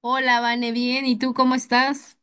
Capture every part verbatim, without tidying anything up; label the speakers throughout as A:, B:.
A: Hola, Vane, bien, ¿y tú cómo estás?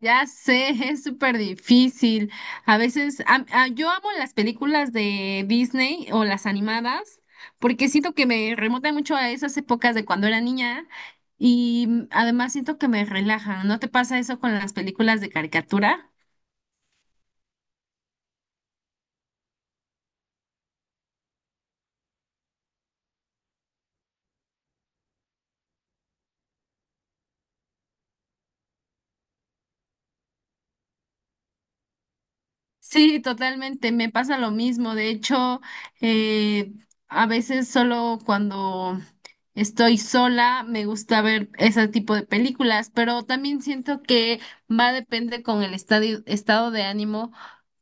A: Ya sé, es súper difícil. A veces, am- ah, yo amo las películas de Disney o las animadas, porque siento que me remontan mucho a esas épocas de cuando era niña y mm, además siento que me relajan. ¿No te pasa eso con las películas de caricatura? Sí, totalmente, me pasa lo mismo. De hecho, eh, a veces solo cuando estoy sola me gusta ver ese tipo de películas, pero también siento que va a depender con el estadio- estado de ánimo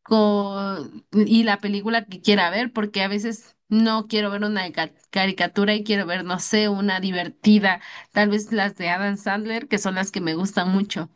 A: con, y la película que quiera ver, porque a veces no quiero ver una ca- caricatura y quiero ver, no sé, una divertida, tal vez las de Adam Sandler, que son las que me gustan mucho.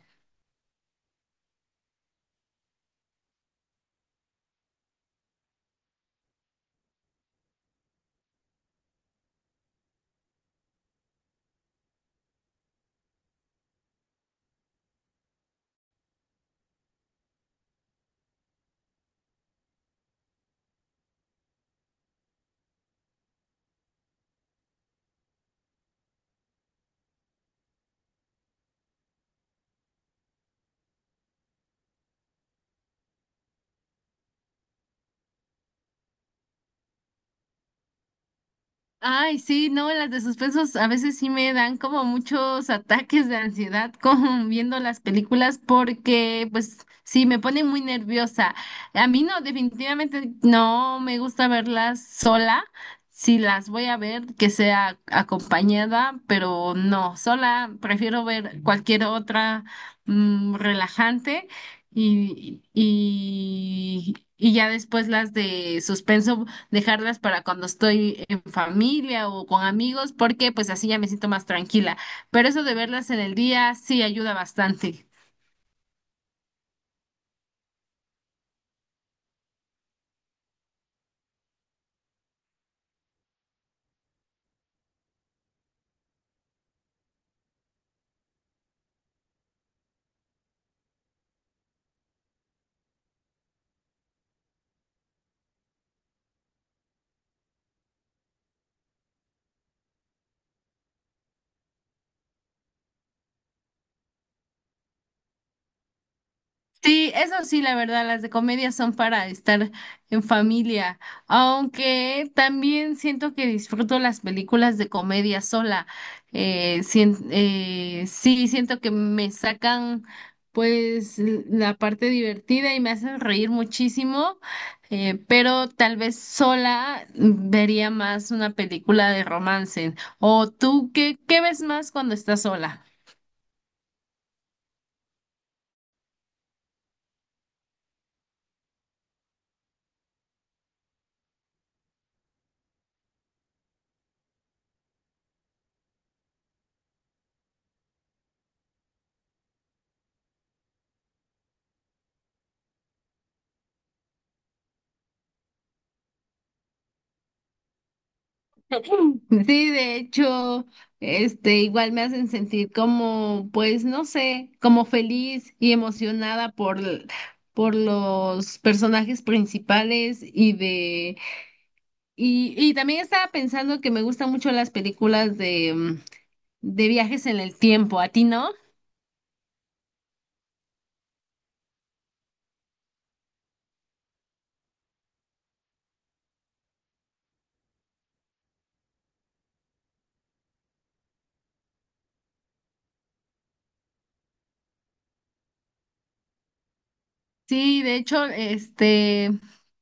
A: Ay, sí, no, las de suspensos a veces sí me dan como muchos ataques de ansiedad con viendo las películas porque pues sí me pone muy nerviosa. A mí no, definitivamente no me gusta verlas sola. Si las voy a ver, que sea acompañada, pero no, sola prefiero ver cualquier otra mm, relajante y, y, y ya después las de suspenso dejarlas para cuando estoy en familia o con amigos, porque pues así ya me siento más tranquila. Pero eso de verlas en el día sí ayuda bastante. Sí, eso sí, la verdad, las de comedia son para estar en familia, aunque también siento que disfruto las películas de comedia sola. Eh, sien- eh, sí, siento que me sacan pues l- la parte divertida y me hacen reír muchísimo, eh, pero tal vez sola vería más una película de romance. ¿O tú qué, qué ves más cuando estás sola? Sí, de hecho, este, igual me hacen sentir como, pues, no sé, como feliz y emocionada por, l- por los personajes principales y de, y, y también estaba pensando que me gustan mucho las películas de, mm, de viajes en el tiempo. ¿A ti no? Sí, de hecho, este,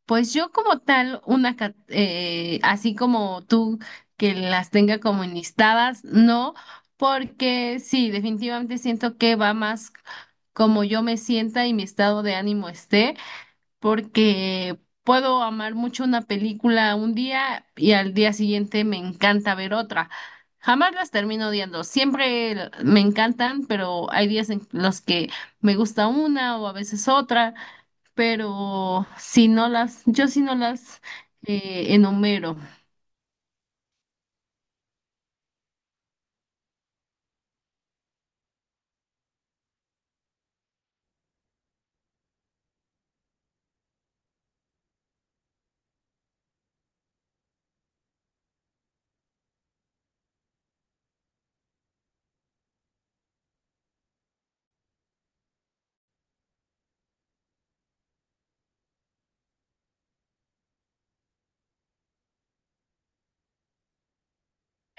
A: pues yo como tal, una, ca- eh, así como tú que las tenga como enlistadas, no, porque sí, definitivamente siento que va más como yo me sienta y mi estado de ánimo esté, porque puedo amar mucho una película un día y al día siguiente me encanta ver otra. Jamás las termino odiando, siempre me encantan, pero hay días en los que me gusta una o a veces otra pero si no las, yo sí no las eh, enumero.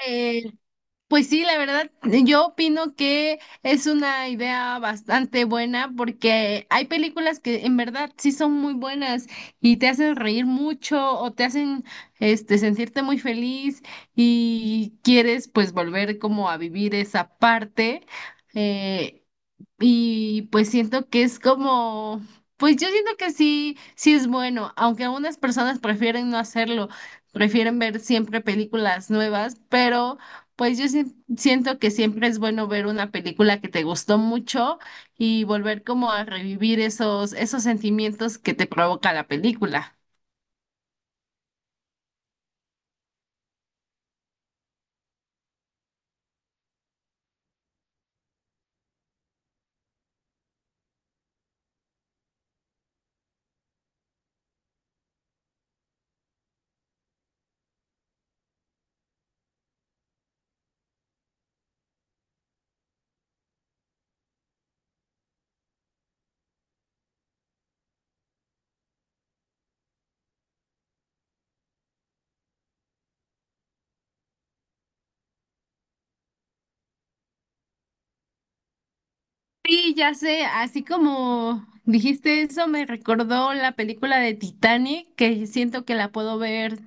A: Eh, pues sí, la verdad, yo opino que es una idea bastante buena porque hay películas que en verdad sí son muy buenas y te hacen reír mucho o te hacen este sentirte muy feliz y quieres pues volver como a vivir esa parte. Eh, Y pues siento que es como, pues yo siento que sí, sí es bueno, aunque algunas personas prefieren no hacerlo, prefieren ver siempre películas nuevas, pero pues yo sí- siento que siempre es bueno ver una película que te gustó mucho y volver como a revivir esos, esos sentimientos que te provoca la película. Sí, ya sé, así como dijiste eso, me recordó la película de Titanic, que siento que la puedo ver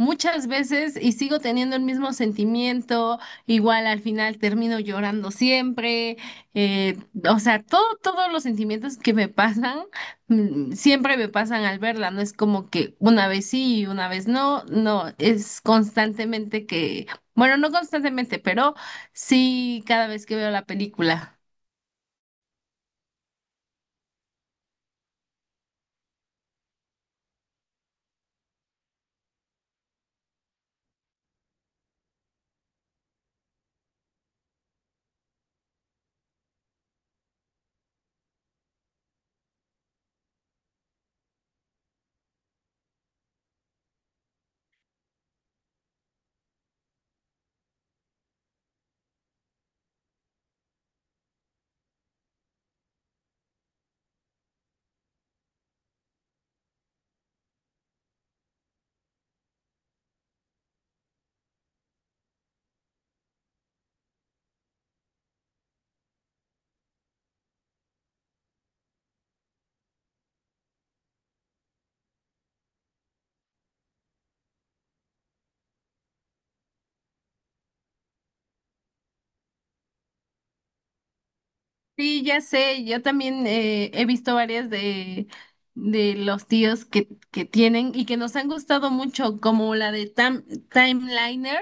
A: muchas veces y sigo teniendo el mismo sentimiento, igual al final termino llorando siempre, eh, o sea, todo, todos los sentimientos que me pasan, mm, siempre me pasan al verla, no es como que una vez sí y una vez no, no, es constantemente que, bueno, no constantemente, pero sí cada vez que veo la película. Sí, ya sé, yo también eh, he visto varias de, de los tíos que, que tienen y que nos han gustado mucho, como la de Tam- Timeliner.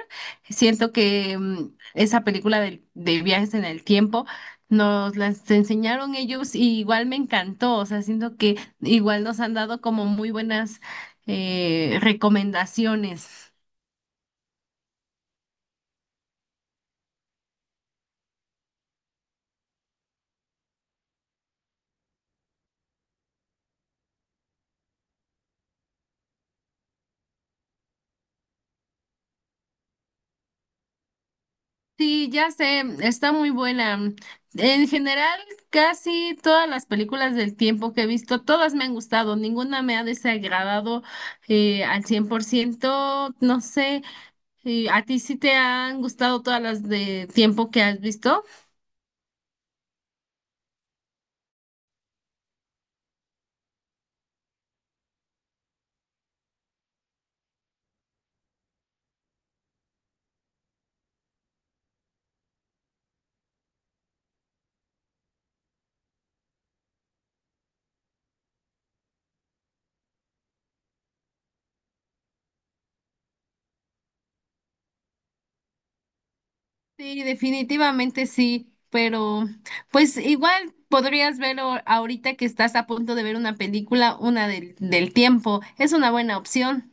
A: Siento que mm, esa película de, de viajes en el tiempo nos las enseñaron ellos y igual me encantó, o sea, siento que igual nos han dado como muy buenas eh, recomendaciones. Sí, ya sé, está muy buena. En general, casi todas las películas del tiempo que he visto, todas me han gustado, ninguna me ha desagradado eh, al cien por ciento. No sé, eh, ¿a ti sí te han gustado todas las de tiempo que has visto? Sí, definitivamente sí, pero pues igual podrías ver o- ahorita que estás a punto de ver una película, una del, del tiempo. Es una buena opción.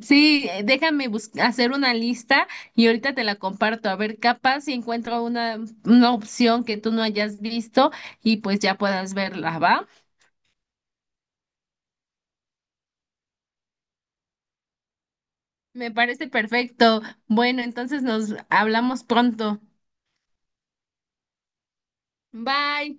A: Sí, eh, déjame bus- hacer una lista y ahorita te la comparto. A ver, capaz si encuentro una, una opción que tú no hayas visto y pues ya puedas verla, ¿va? Me parece perfecto. Bueno, entonces nos hablamos pronto. Bye.